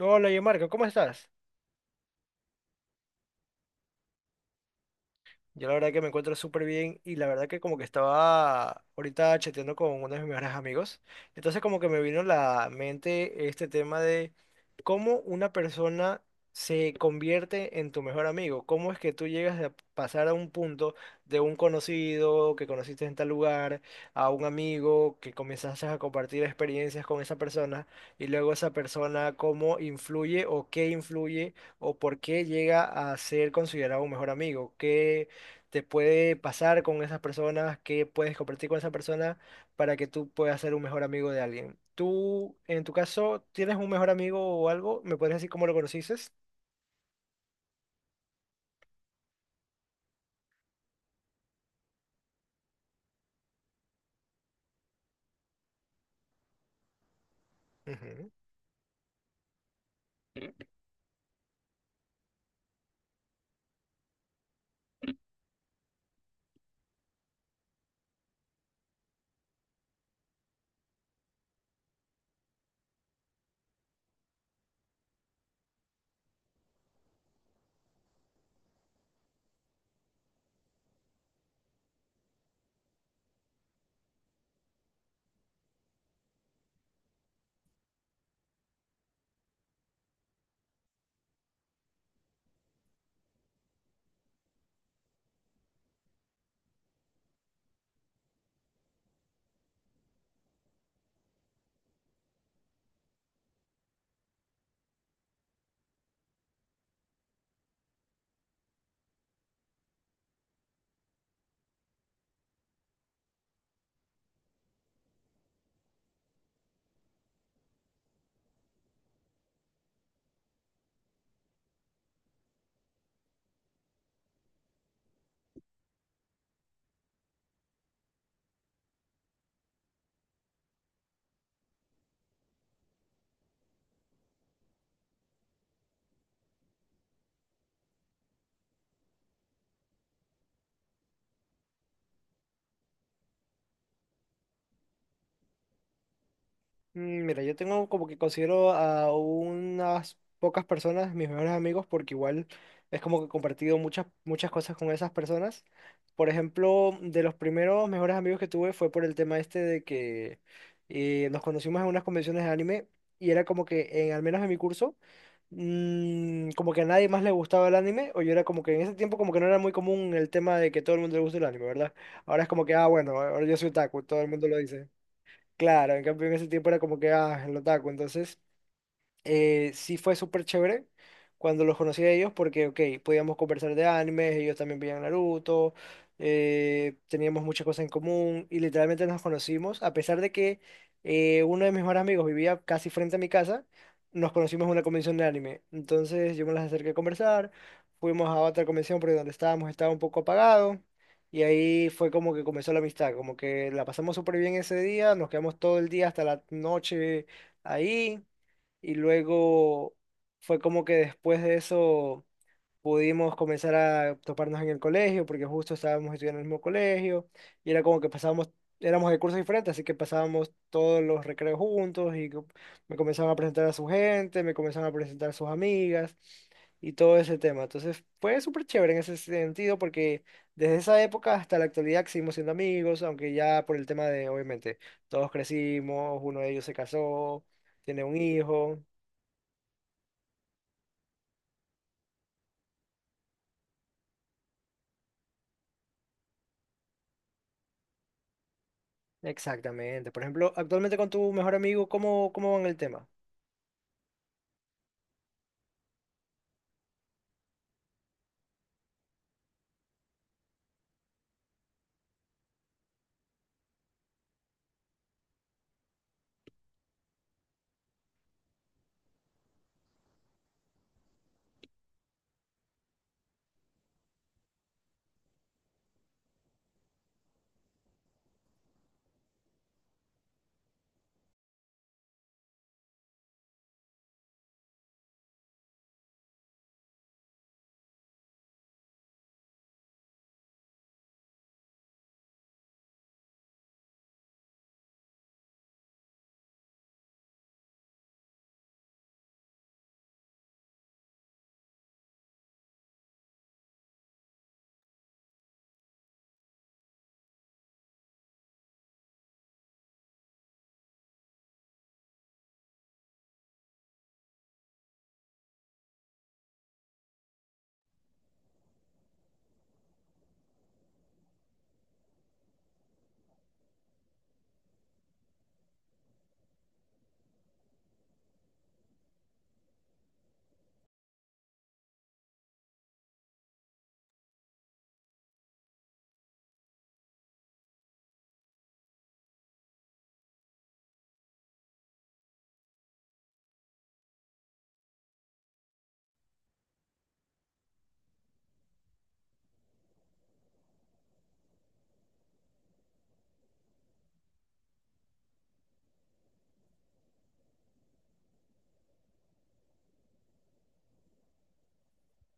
Hola, yo Marco, ¿cómo estás? Yo la verdad que me encuentro súper bien y la verdad que como que estaba ahorita chateando con uno de mis mejores amigos. Entonces como que me vino a la mente este tema de cómo una persona se convierte en tu mejor amigo. Cómo es que tú llegas a pasar a un punto de un conocido que conociste en tal lugar, a un amigo que comenzaste a compartir experiencias con esa persona y luego esa persona cómo influye o qué influye o por qué llega a ser considerado un mejor amigo. ¿Qué te puede pasar con esas personas, qué puedes compartir con esa persona para que tú puedas ser un mejor amigo de alguien? Tú, en tu caso, ¿tienes un mejor amigo o algo? ¿Me podrías decir cómo lo conociste? Ujú. Mira, yo tengo como que considero a unas pocas personas mis mejores amigos porque igual es como que he compartido muchas, muchas cosas con esas personas. Por ejemplo, de los primeros mejores amigos que tuve fue por el tema este de que nos conocimos en unas convenciones de anime y era como que, en, al menos en mi curso, como que a nadie más le gustaba el anime o yo era como que en ese tiempo como que no era muy común el tema de que todo el mundo le gusta el anime, ¿verdad? Ahora es como que, ah, bueno, ahora yo soy otaku, todo el mundo lo dice. Claro, en cambio en ese tiempo era como que, ah, el otaku, entonces, sí fue súper chévere cuando los conocí a ellos porque, ok, podíamos conversar de animes, ellos también veían Naruto, teníamos muchas cosas en común y literalmente nos conocimos, a pesar de que uno de mis mejores amigos vivía casi frente a mi casa, nos conocimos en una convención de anime. Entonces yo me las acerqué a conversar, fuimos a otra convención porque donde estábamos estaba un poco apagado. Y ahí fue como que comenzó la amistad, como que la pasamos súper bien ese día, nos quedamos todo el día hasta la noche ahí y luego fue como que después de eso pudimos comenzar a toparnos en el colegio, porque justo estábamos estudiando en el mismo colegio, y era como que pasábamos, éramos de cursos diferentes, así que pasábamos todos los recreos juntos, y me comenzaban a presentar a su gente, me comenzaban a presentar a sus amigas, y todo ese tema. Entonces fue súper chévere en ese sentido, porque desde esa época hasta la actualidad seguimos siendo amigos, aunque ya por el tema de, obviamente, todos crecimos, uno de ellos se casó, tiene un hijo. Exactamente. Por ejemplo, actualmente con tu mejor amigo, ¿cómo, cómo van el tema?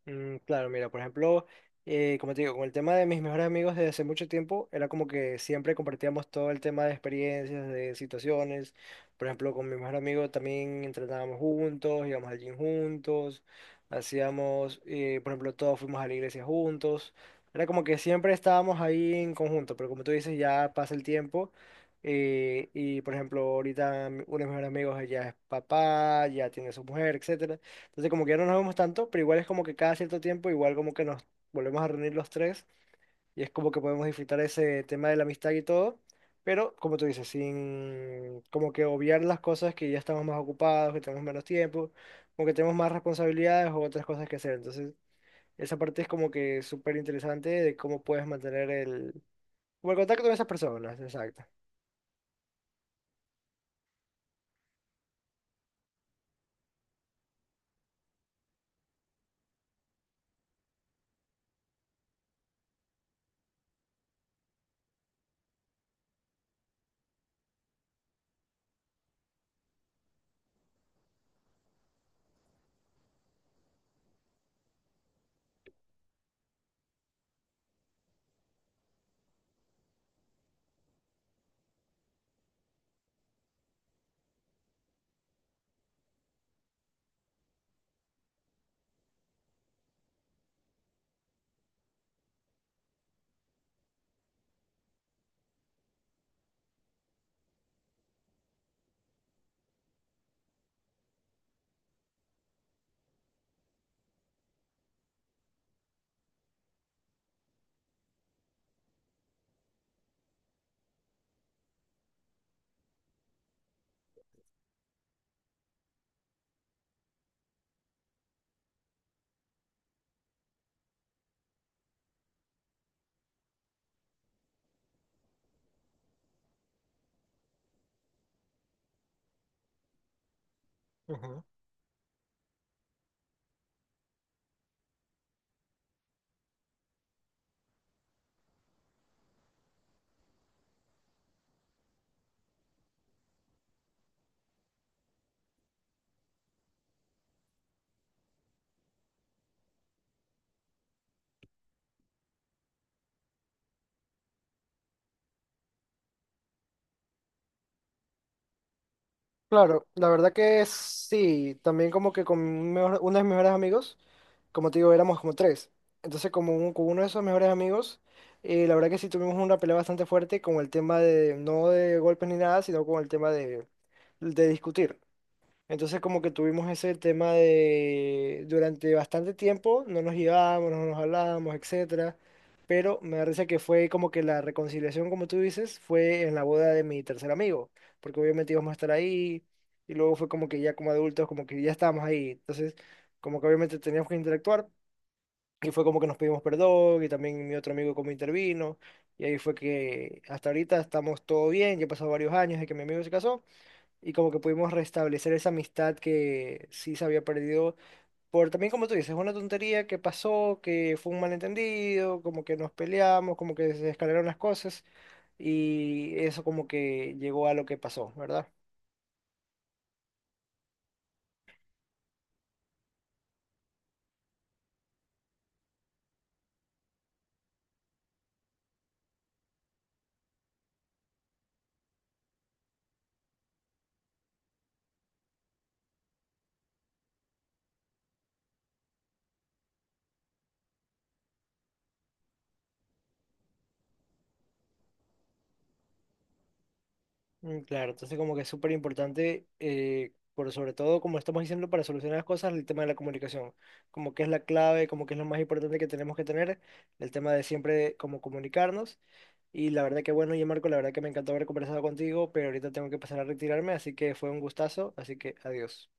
Claro, mira, por ejemplo, como te digo, con el tema de mis mejores amigos desde hace mucho tiempo, era como que siempre compartíamos todo el tema de experiencias, de situaciones. Por ejemplo, con mi mejor amigo también entrenábamos juntos, íbamos al gym juntos, hacíamos, por ejemplo, todos fuimos a la iglesia juntos. Era como que siempre estábamos ahí en conjunto, pero como tú dices, ya pasa el tiempo. Y por ejemplo, ahorita uno de mis mejores amigos ya es papá, ya tiene su mujer, etcétera. Entonces como que ya no nos vemos tanto, pero igual es como que cada cierto tiempo, igual como que nos volvemos a reunir los tres y es como que podemos disfrutar ese tema de la amistad y todo, pero como tú dices, sin como que obviar las cosas que ya estamos más ocupados, que tenemos menos tiempo, como que tenemos más responsabilidades o otras cosas que hacer. Entonces esa parte es como que súper interesante de cómo puedes mantener el, como el contacto con esas personas, exacto. Ujú. Claro, la verdad que sí, también como que con uno de mis mejores amigos, como te digo, éramos como tres. Entonces con uno de esos mejores amigos, la verdad que sí tuvimos una pelea bastante fuerte con el tema de, no de golpes ni nada, sino con el tema de discutir. Entonces como que tuvimos ese tema de durante bastante tiempo no nos llevábamos, no nos hablábamos, etcétera, pero me da risa que fue como que la reconciliación, como tú dices, fue en la boda de mi tercer amigo, porque obviamente íbamos a estar ahí y luego fue como que ya como adultos, como que ya estábamos ahí, entonces como que obviamente teníamos que interactuar y fue como que nos pedimos perdón y también mi otro amigo como intervino y ahí fue que hasta ahorita estamos todo bien, ya pasado varios años de que mi amigo se casó y como que pudimos restablecer esa amistad que sí se había perdido por también como tú dices, una tontería que pasó, que fue un malentendido, como que nos peleamos, como que se escalaron las cosas y eso como que llegó a lo que pasó, ¿verdad? Claro, entonces como que es súper importante, por sobre todo como estamos diciendo para solucionar las cosas, el tema de la comunicación, como que es la clave, como que es lo más importante que tenemos que tener, el tema de siempre como comunicarnos. Y la verdad que bueno, ya Marco, la verdad que me encantó haber conversado contigo, pero ahorita tengo que pasar a retirarme, así que fue un gustazo, así que adiós.